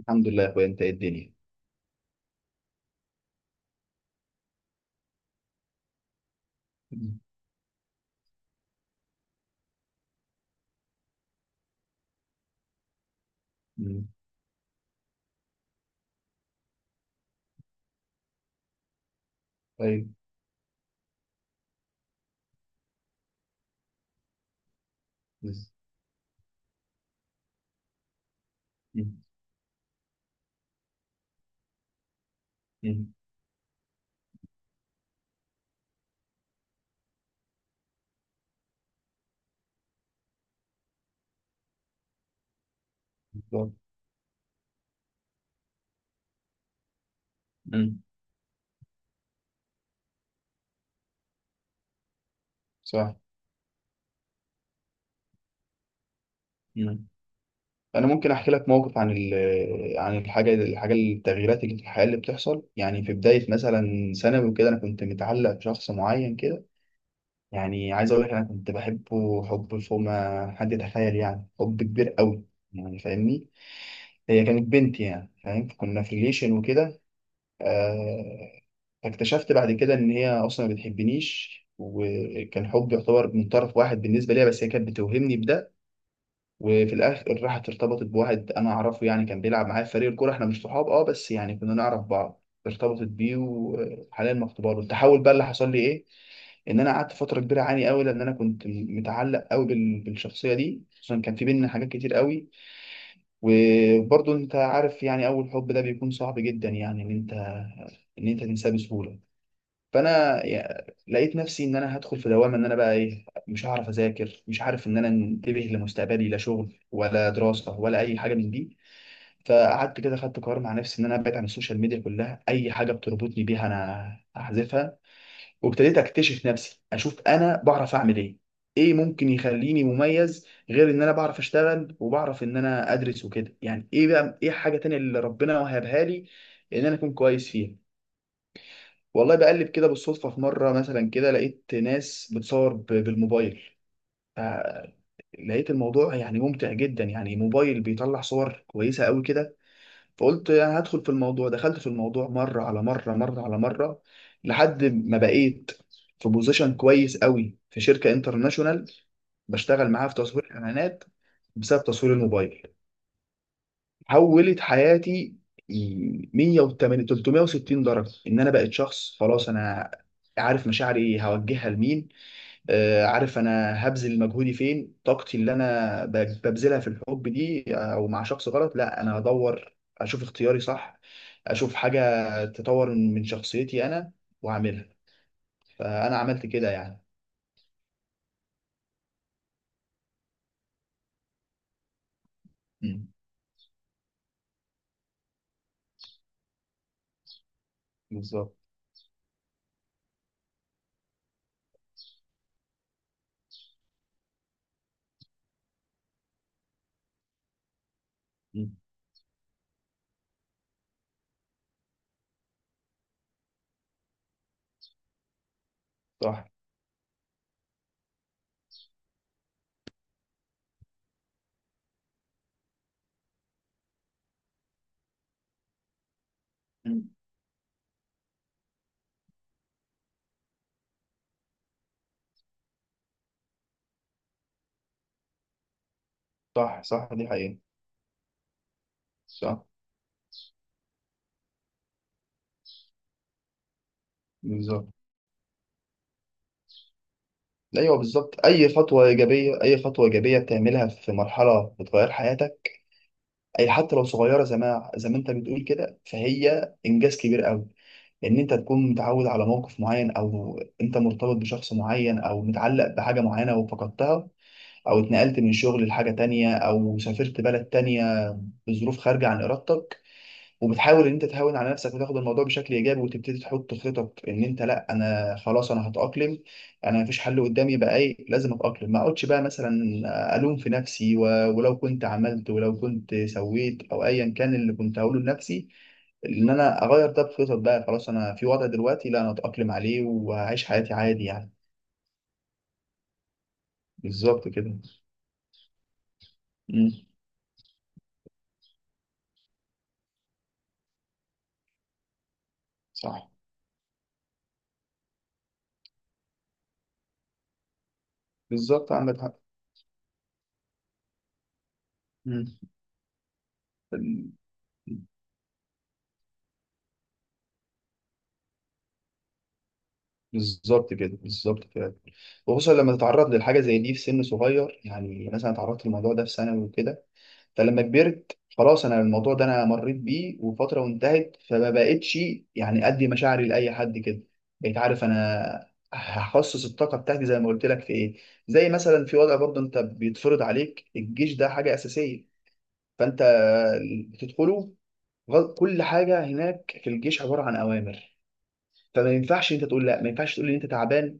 الحمد لله يا اخويا، انت ايه الدنيا؟ مم. مم. طيب. بس. مم. مم. بالظبط. مم. صح. مم. انا ممكن احكي لك موقف عن عن الحاجه الحاجه التغييرات اللي في الحياه اللي بتحصل. يعني في بدايه مثلا ثانوي وكده، انا كنت متعلق بشخص معين كده. يعني عايز اقول لك، انا كنت بحبه حب فوق ما حد يتخيل، يعني حب كبير قوي، يعني فاهمني. هي كانت بنت، يعني فاهم، كنا في ريليشن وكده. آه، فاكتشفت بعد كده ان هي اصلا ما بتحبنيش، وكان حب يعتبر من طرف واحد بالنسبه ليها، بس هي كانت بتوهمني بده. وفي الاخر راحت ارتبطت بواحد انا اعرفه، يعني كان بيلعب معايا في فريق الكوره. احنا مش صحاب، اه بس يعني كنا نعرف بعض. ارتبطت بيه وحاليا مخطوبه له. التحول بقى اللي حصل لي ايه؟ ان انا قعدت فتره كبيره اعاني قوي، لان انا كنت متعلق قوي بالشخصيه دي، خصوصا كان في بينا حاجات كتير قوي. وبرضه انت عارف يعني اول حب ده بيكون صعب جدا، يعني ان انت ان انت تنساه بسهوله. فانا لقيت نفسي ان انا هدخل في دوامه، ان انا بقى ايه، مش هعرف اذاكر، مش عارف ان انا انتبه لمستقبلي، لا شغل ولا دراسه ولا اي حاجه من دي. فقعدت كده، خدت قرار مع نفسي ان انا ابعد عن السوشيال ميديا كلها، اي حاجه بتربطني بيها انا هحذفها. وابتديت اكتشف نفسي، اشوف انا بعرف اعمل ايه، ايه ممكن يخليني مميز غير ان انا بعرف اشتغل وبعرف ان انا ادرس وكده. يعني ايه بقى، ايه حاجه تانية اللي ربنا وهبها لي ان انا اكون كويس فيها. والله بقلب كده بالصدفة في مرة مثلا كده، لقيت ناس بتصور بالموبايل. ف- لقيت الموضوع يعني ممتع جدا، يعني موبايل بيطلع صور كويسة قوي كده. فقلت انا هدخل في الموضوع. دخلت في الموضوع، مرة على مرة، لحد ما بقيت في بوزيشن كويس قوي في شركة انترناشونال، بشتغل معاها في تصوير اعلانات بسبب تصوير الموبايل. حولت حياتي 180 360 درجه، ان انا بقيت شخص خلاص انا عارف مشاعري هوجهها لمين. عارف انا هبذل مجهودي فين، طاقتي اللي انا ببذلها في الحب دي او مع شخص غلط، لا انا هدور اشوف اختياري صح، اشوف حاجه تطور من شخصيتي انا واعملها. فانا عملت كده يعني. مم. بالظبط. مم. صح. مم. صح، صح، دي حقيقة. صح. بالظبط. ايوه بالظبط، اي خطوه ايجابيه، اي خطوه ايجابيه بتعملها في مرحله بتغير حياتك، اي حتى لو صغيره، زي ما انت بتقول كده، فهي انجاز كبير قوي. لان انت تكون متعود على موقف معين، او انت مرتبط بشخص معين، او متعلق بحاجه معينه وفقدتها، او اتنقلت من شغل لحاجه تانية، او سافرت بلد تانية بظروف خارجه عن ارادتك. وبتحاول ان انت تهون على نفسك وتاخد الموضوع بشكل ايجابي، وتبتدي تحط خطط ان انت، لا انا خلاص انا هتاقلم، انا مفيش حل قدامي بقى ايه، لازم اتاقلم. ما اقعدش بقى مثلا الوم في نفسي، و... ولو كنت عملت، ولو كنت سويت، او ايا كان اللي كنت هقوله لنفسي ان انا اغير ده. بخطط بقى، خلاص انا في وضع دلوقتي، لا انا اتاقلم عليه وهعيش حياتي عادي يعني. بالظبط كده. امم. صح. بالظبط عندك حق. مم. بالظبط كده، بالظبط فعلا. وخصوصا لما تتعرض للحاجه زي دي في سن صغير، يعني مثلا اتعرضت للموضوع ده في ثانوي وكده. فلما كبرت خلاص، انا الموضوع ده انا مريت بيه وفتره وانتهت، فما بقتش يعني ادي مشاعري لاي حد كده. بقيت عارف انا هخصص الطاقه بتاعتي زي ما قلت لك في ايه. زي مثلا في وضع برضه، انت بيتفرض عليك الجيش، ده حاجه اساسيه. فانت بتدخله، كل حاجه هناك في الجيش عباره عن اوامر. فما ينفعش انت تقول لا، ما ينفعش تقول ان انت تعبان.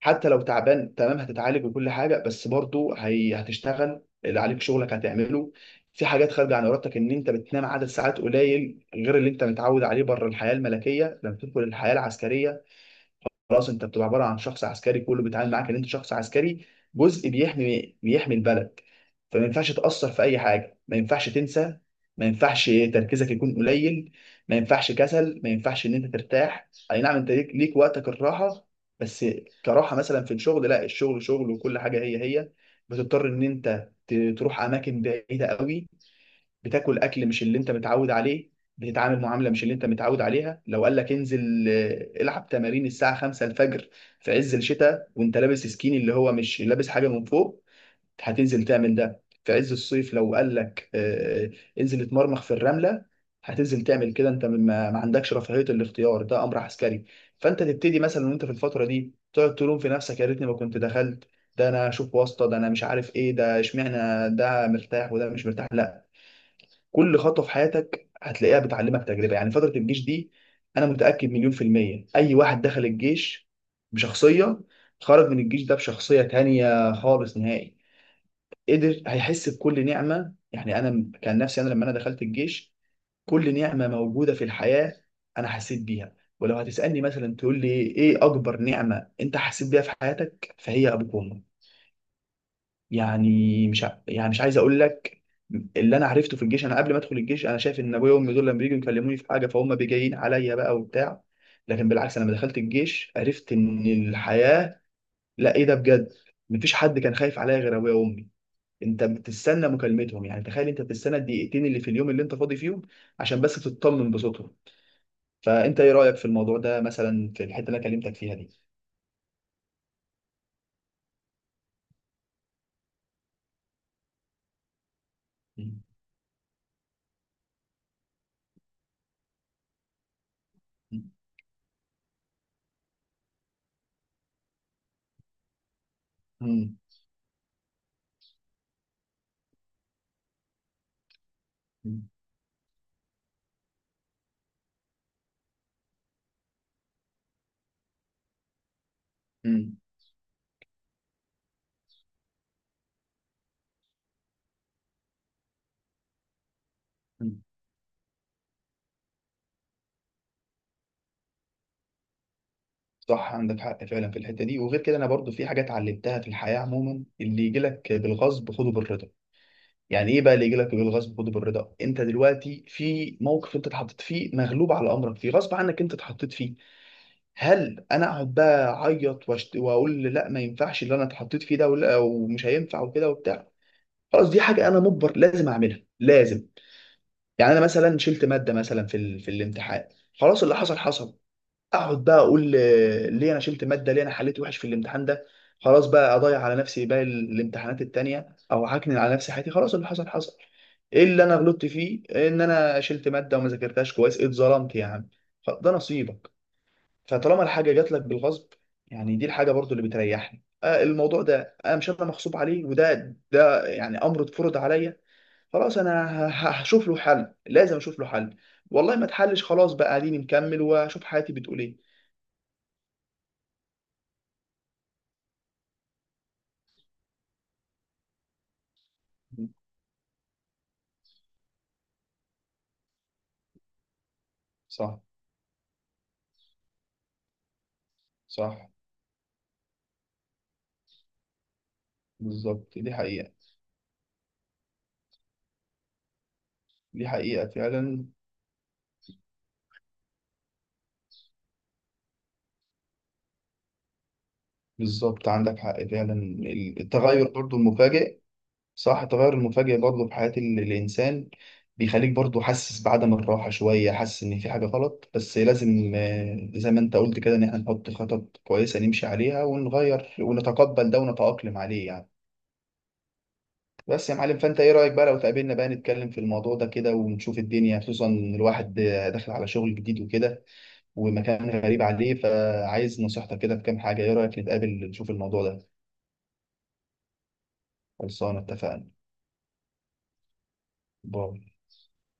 حتى لو تعبان تمام، هتتعالج وكل حاجه، بس برضو هي هتشتغل، اللي عليك شغلك هتعمله. في حاجات خارجه عن ارادتك، ان انت بتنام عدد ساعات قليل غير اللي انت متعود عليه بره الحياه الملكيه. لما تدخل الحياه العسكريه، خلاص انت بتبقى عباره عن شخص عسكري، كله بيتعامل معاك ان انت شخص عسكري، جزء بيحمي البلد. فما ينفعش تاثر في اي حاجه، ما ينفعش تنسى، ما ينفعش تركيزك يكون قليل، ما ينفعش كسل، ما ينفعش ان انت ترتاح. اي نعم انت ليك وقتك الراحه، بس كراحه مثلا في الشغل، لا، الشغل شغل، وكل حاجه هي هي. بتضطر ان انت تروح اماكن بعيده قوي، بتاكل اكل مش اللي انت متعود عليه، بتتعامل معامله مش اللي انت متعود عليها. لو قال لك انزل، العب تمارين الساعه 5 الفجر في عز الشتاء، وانت لابس سكيني اللي هو مش لابس حاجه من فوق، هتنزل تعمل ده. في عز الصيف لو قال لك، انزل اتمرمخ في الرمله، هتنزل تعمل كده. انت ما عندكش رفاهيه الاختيار، ده امر عسكري. فانت تبتدي مثلا وانت في الفتره دي تقعد تلوم في نفسك، يا ريتني ما كنت دخلت، ده انا اشوف واسطه، ده انا مش عارف ايه، ده اشمعنى ده مرتاح وده مش مرتاح. لا، كل خطوه في حياتك هتلاقيها بتعلمك تجربه. يعني فتره الجيش دي، انا متاكد مليون في الميه اي واحد دخل الجيش بشخصيه، خرج من الجيش ده بشخصيه تانية خالص نهائي. قدر هيحس بكل نعمه. يعني انا كان نفسي انا لما انا دخلت الجيش، كل نعمه موجوده في الحياه انا حسيت بيها. ولو هتسالني مثلا تقول لي ايه اكبر نعمه انت حسيت بيها في حياتك، فهي ابوك وامك. يعني مش ع- يعني مش عايز اقول لك، اللي انا عرفته في الجيش، انا قبل ما ادخل الجيش انا شايف ان ابويا وامي دول لما بييجوا يكلموني في حاجه فهم بيجيين عليا بقى وبتاع. لكن بالعكس، انا لما دخلت الجيش عرفت ان الحياه لا، ايه ده بجد، مفيش حد كان خايف عليا غير ابويا وامي. انت بتستنى مكالمتهم، يعني تخيل، انت بتستنى الدقيقتين اللي في اليوم اللي انت فاضي فيهم عشان بس تطمن بصوتهم. فانت ايه رايك في الموضوع ده مثلا، في الحته اللي انا كلمتك فيها دي؟ م- م- م- م- م- صح عندك حق فعلا في الحته دي. وغير كده، انا برضو في حاجه اتعلمتها في الحياه عموما: اللي يجي لك بالغصب خده بالرضا. يعني ايه بقى اللي يجي لك بالغصب خده بالرضا؟ انت دلوقتي في موقف انت اتحطيت فيه، مغلوب على امرك فيه، غصب عنك انت اتحطيت فيه. هل انا اقعد بقى اعيط واقول لا ما ينفعش اللي انا اتحطيت فيه ده، ولا ومش هينفع وكده وبتاع؟ خلاص دي حاجه انا مجبر لازم اعملها لازم. يعني انا مثلا شلت ماده مثلا في في الامتحان، خلاص اللي حصل حصل. اقعد بقى اقول ليه انا شلت ماده، ليه انا حليت وحش في الامتحان ده، خلاص بقى اضيع على نفسي باقي الامتحانات التانية، او هكنن على نفسي حياتي؟ خلاص، اللي حصل حصل. ايه اللي انا غلطت فيه ان انا شلت ماده وما ذاكرتهاش كويس؟ اتظلمت يا عم، ده نصيبك. فطالما الحاجه جات لك بالغصب، يعني دي الحاجه برضو اللي بتريحني، الموضوع ده انا مش، انا مغصوب عليه، وده يعني امر اتفرض عليا. خلاص انا هشوف له حل، لازم اشوف له حل. والله ما اتحلش، خلاص بقى قاعدين نكمل واشوف حياتي بتقول ايه. صح. صح. بالظبط. دي حقيقة. دي حقيقة فعلا. بالظبط عندك حق فعلا. التغير برضو المفاجئ. صح، التغير المفاجئ برضو في حياة الإنسان بيخليك برضو حاسس بعدم الراحة شوية، حاسس إن في حاجة غلط، بس لازم، زي ما أنت قلت كده، إن إحنا نحط خطط كويسة نمشي عليها، ونغير، ونتقبل ده، ونتأقلم عليه يعني. بس يا معلم، فأنت إيه رأيك بقى لو تقابلنا بقى نتكلم في الموضوع ده كده ونشوف الدنيا، خصوصا إن الواحد، داخل على شغل جديد وكده، ومكان غريب عليه، فعايز نصيحتك كده في كام حاجة. إيه رأيك نتقابل نشوف الموضوع ده؟ خلصانة، اتفقنا. باي.